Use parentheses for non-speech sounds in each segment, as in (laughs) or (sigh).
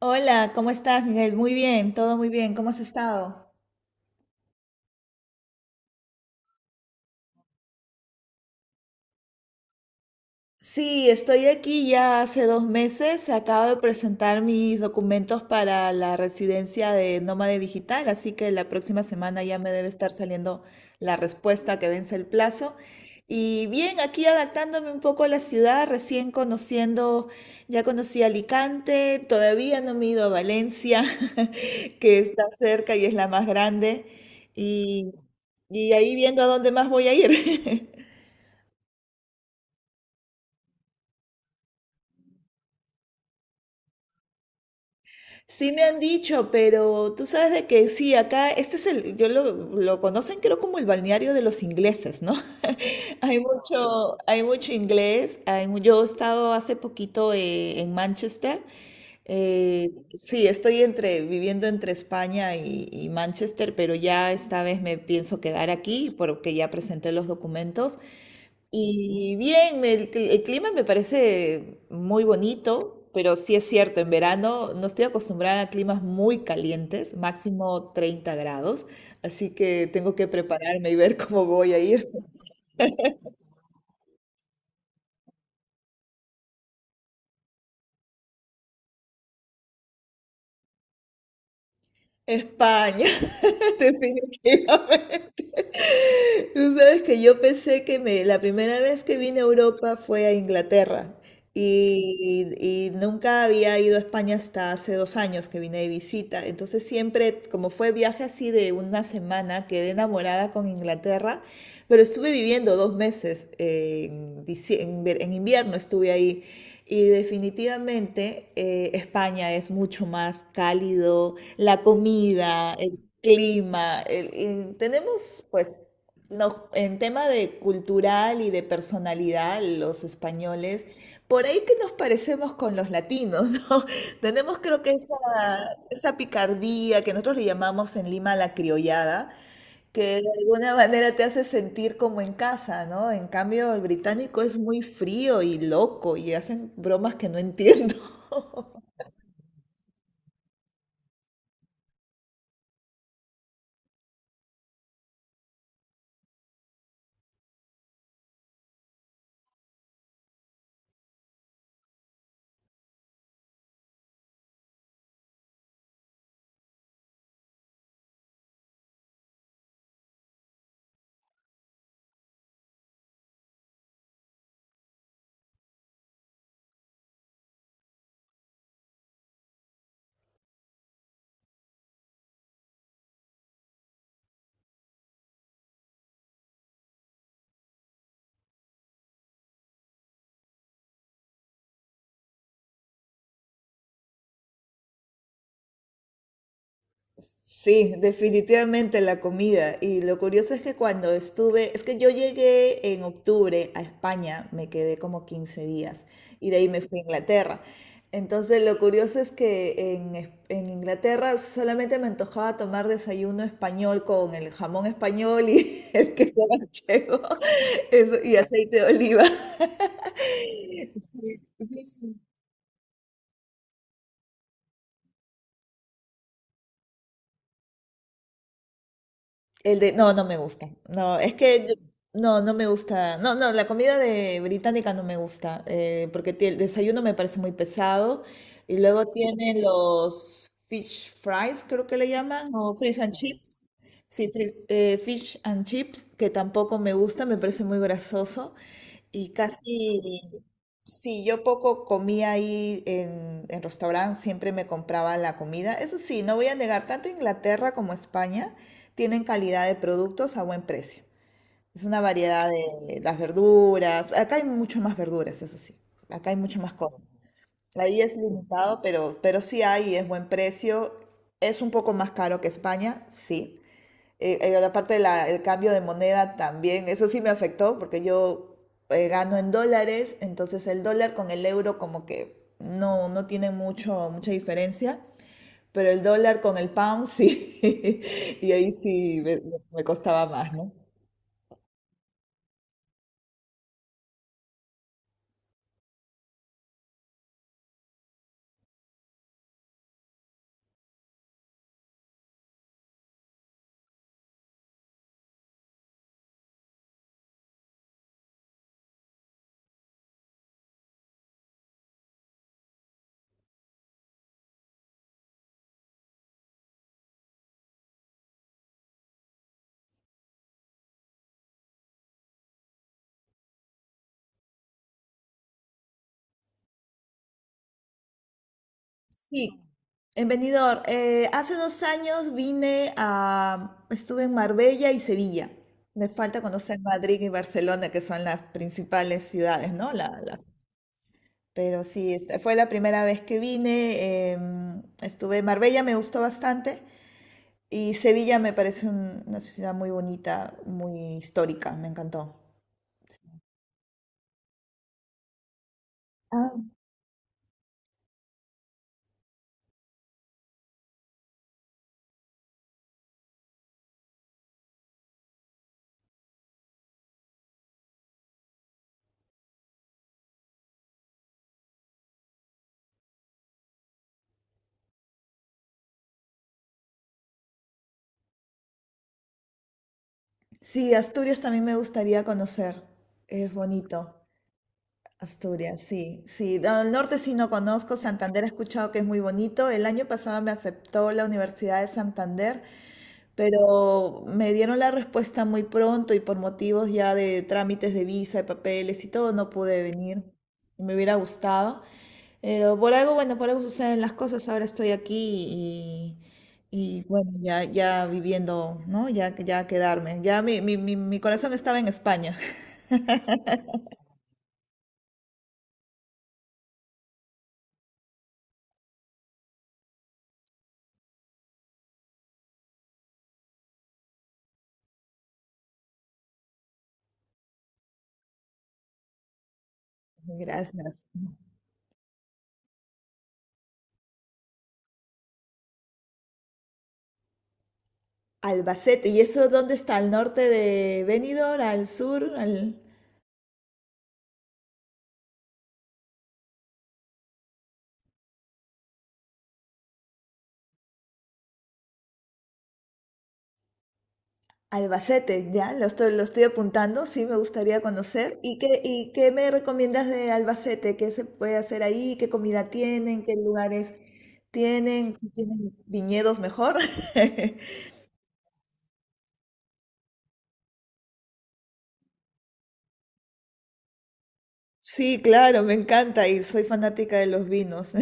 Hola, ¿cómo estás, Miguel? Muy bien, todo muy bien. ¿Cómo has estado? Sí, estoy aquí ya hace 2 meses. Acabo de presentar mis documentos para la residencia de Nómade Digital, así que la próxima semana ya me debe estar saliendo la respuesta que vence el plazo. Y bien, aquí adaptándome un poco a la ciudad, recién conociendo, ya conocí Alicante, todavía no me he ido a Valencia, (laughs) que está cerca y es la más grande, y, y ahí viendo a dónde más voy a ir. (laughs) Sí me han dicho, pero tú sabes de que sí, acá, este es el, yo lo conocen creo como el balneario de los ingleses, ¿no? (laughs) Hay mucho inglés, yo he estado hace poquito en Manchester, sí, viviendo entre España y Manchester, pero ya esta vez me pienso quedar aquí porque ya presenté los documentos. Y bien, el clima me parece muy bonito, pero sí es cierto, en verano no estoy acostumbrada a climas muy calientes, máximo 30 grados, así que tengo que prepararme y ver cómo voy a ir. España, (laughs) definitivamente. Tú sabes que yo pensé la primera vez que vine a Europa fue a Inglaterra. Y nunca había ido a España hasta hace 2 años que vine de visita. Entonces siempre, como fue viaje así de una semana, quedé enamorada con Inglaterra, pero estuve viviendo 2 meses, en, dicie- en ver- en invierno estuve ahí. Y definitivamente España es mucho más cálido, la comida, el clima. Y tenemos pues no, en tema de cultural y de personalidad, los españoles, por ahí que nos parecemos con los latinos, ¿no? (laughs) Tenemos creo que esa picardía que nosotros le llamamos en Lima la criollada, que de alguna manera te hace sentir como en casa, ¿no? En cambio, el británico es muy frío y loco y hacen bromas que no entiendo. (laughs) Sí, definitivamente la comida. Y lo curioso es que es que yo llegué en octubre a España, me quedé como 15 días y de ahí me fui a Inglaterra. Entonces lo curioso es que en Inglaterra solamente me antojaba tomar desayuno español con el jamón español y (laughs) el queso manchego (laughs) eso, y aceite de oliva. (laughs) Sí, sí. No, no me gusta. No, es que no, no me gusta. No, no, la comida de británica no me gusta, porque el desayuno me parece muy pesado. Y luego tienen los fish fries, creo que le llaman, o fish and chips. Sí, fish and chips, que tampoco me gusta, me parece muy grasoso. Y casi, sí, yo poco comía ahí en restaurante, siempre me compraba la comida. Eso sí, no voy a negar, tanto Inglaterra como España tienen calidad de productos a buen precio. Es una variedad de las verduras. Acá hay mucho más verduras, eso sí. Acá hay mucho más cosas. Ahí es limitado, pero sí hay, es buen precio. Es un poco más caro que España, sí. Aparte del cambio de moneda también, eso sí me afectó porque yo gano en dólares, entonces el dólar con el euro como que no, no tiene mucha diferencia, pero el dólar con el pound sí, (laughs) y ahí sí me costaba más, ¿no? Sí, en Benidorm, hace 2 años estuve en Marbella y Sevilla. Me falta conocer Madrid y Barcelona, que son las principales ciudades, ¿no? La- Las Pero sí, fue la primera vez que vine. Estuve en Marbella, me gustó bastante. Y Sevilla me parece una ciudad muy bonita, muy histórica, me encantó. Ah, sí, Asturias también me gustaría conocer. Es bonito. Asturias, sí, sí. No, al norte sí no conozco. Santander he escuchado que es muy bonito. El año pasado me aceptó la Universidad de Santander. Pero me dieron la respuesta muy pronto y por motivos ya de trámites de visa, de papeles y todo, no pude venir. Me hubiera gustado. Pero por algo, bueno, por algo suceden las cosas. Ahora estoy aquí y bueno, ya viviendo, ¿no? Ya quedarme. Ya mi corazón estaba en España. (laughs) Gracias. Albacete. ¿Y eso dónde está? ¿Al norte de Benidorm? ¿Al sur? ¿Al? Albacete, ya, lo estoy apuntando, sí me gustaría conocer. ¿Y qué me recomiendas de Albacete? ¿Qué se puede hacer ahí? ¿Qué comida tienen? ¿Qué lugares tienen? Si tienen viñedos mejor. (laughs) Sí, claro, me encanta y soy fanática de los vinos.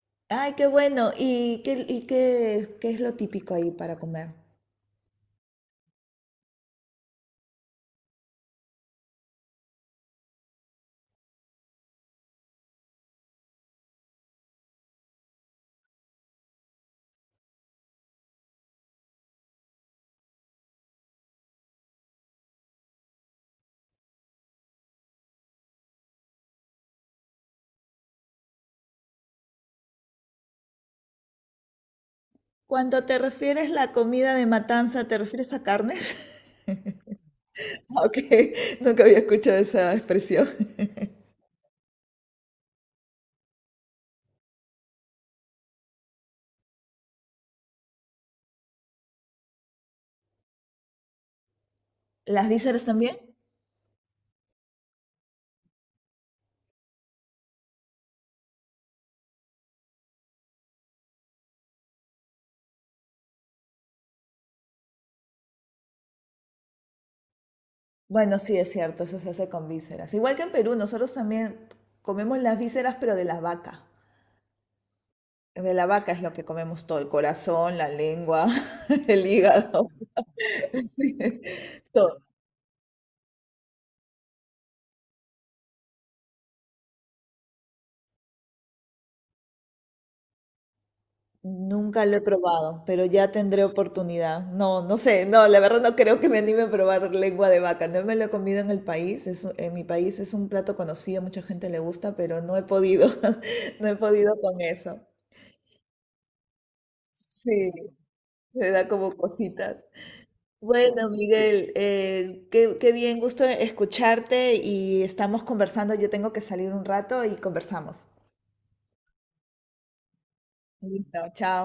(laughs) Ay, qué bueno. ¿Y qué es lo típico ahí para comer? Cuando te refieres la comida de matanza, ¿te refieres a carnes? (laughs) Ok, nunca había escuchado esa expresión. (laughs) ¿Las vísceras también? Bueno, sí, es cierto, eso se hace con vísceras. Igual que en Perú, nosotros también comemos las vísceras, pero de la vaca. De la vaca es lo que comemos todo, el corazón, la lengua, (laughs) el hígado, (laughs) sí, todo. Nunca lo he probado, pero ya tendré oportunidad. No, no sé, no, la verdad no creo que me anime a probar lengua de vaca. No me lo he comido en el país, en mi país es un plato conocido, mucha gente le gusta, pero no he podido, (laughs) no he podido con eso. Sí, se da como cositas. Bueno, Miguel, qué bien, gusto escucharte y estamos conversando. Yo tengo que salir un rato y conversamos. Listo, chao.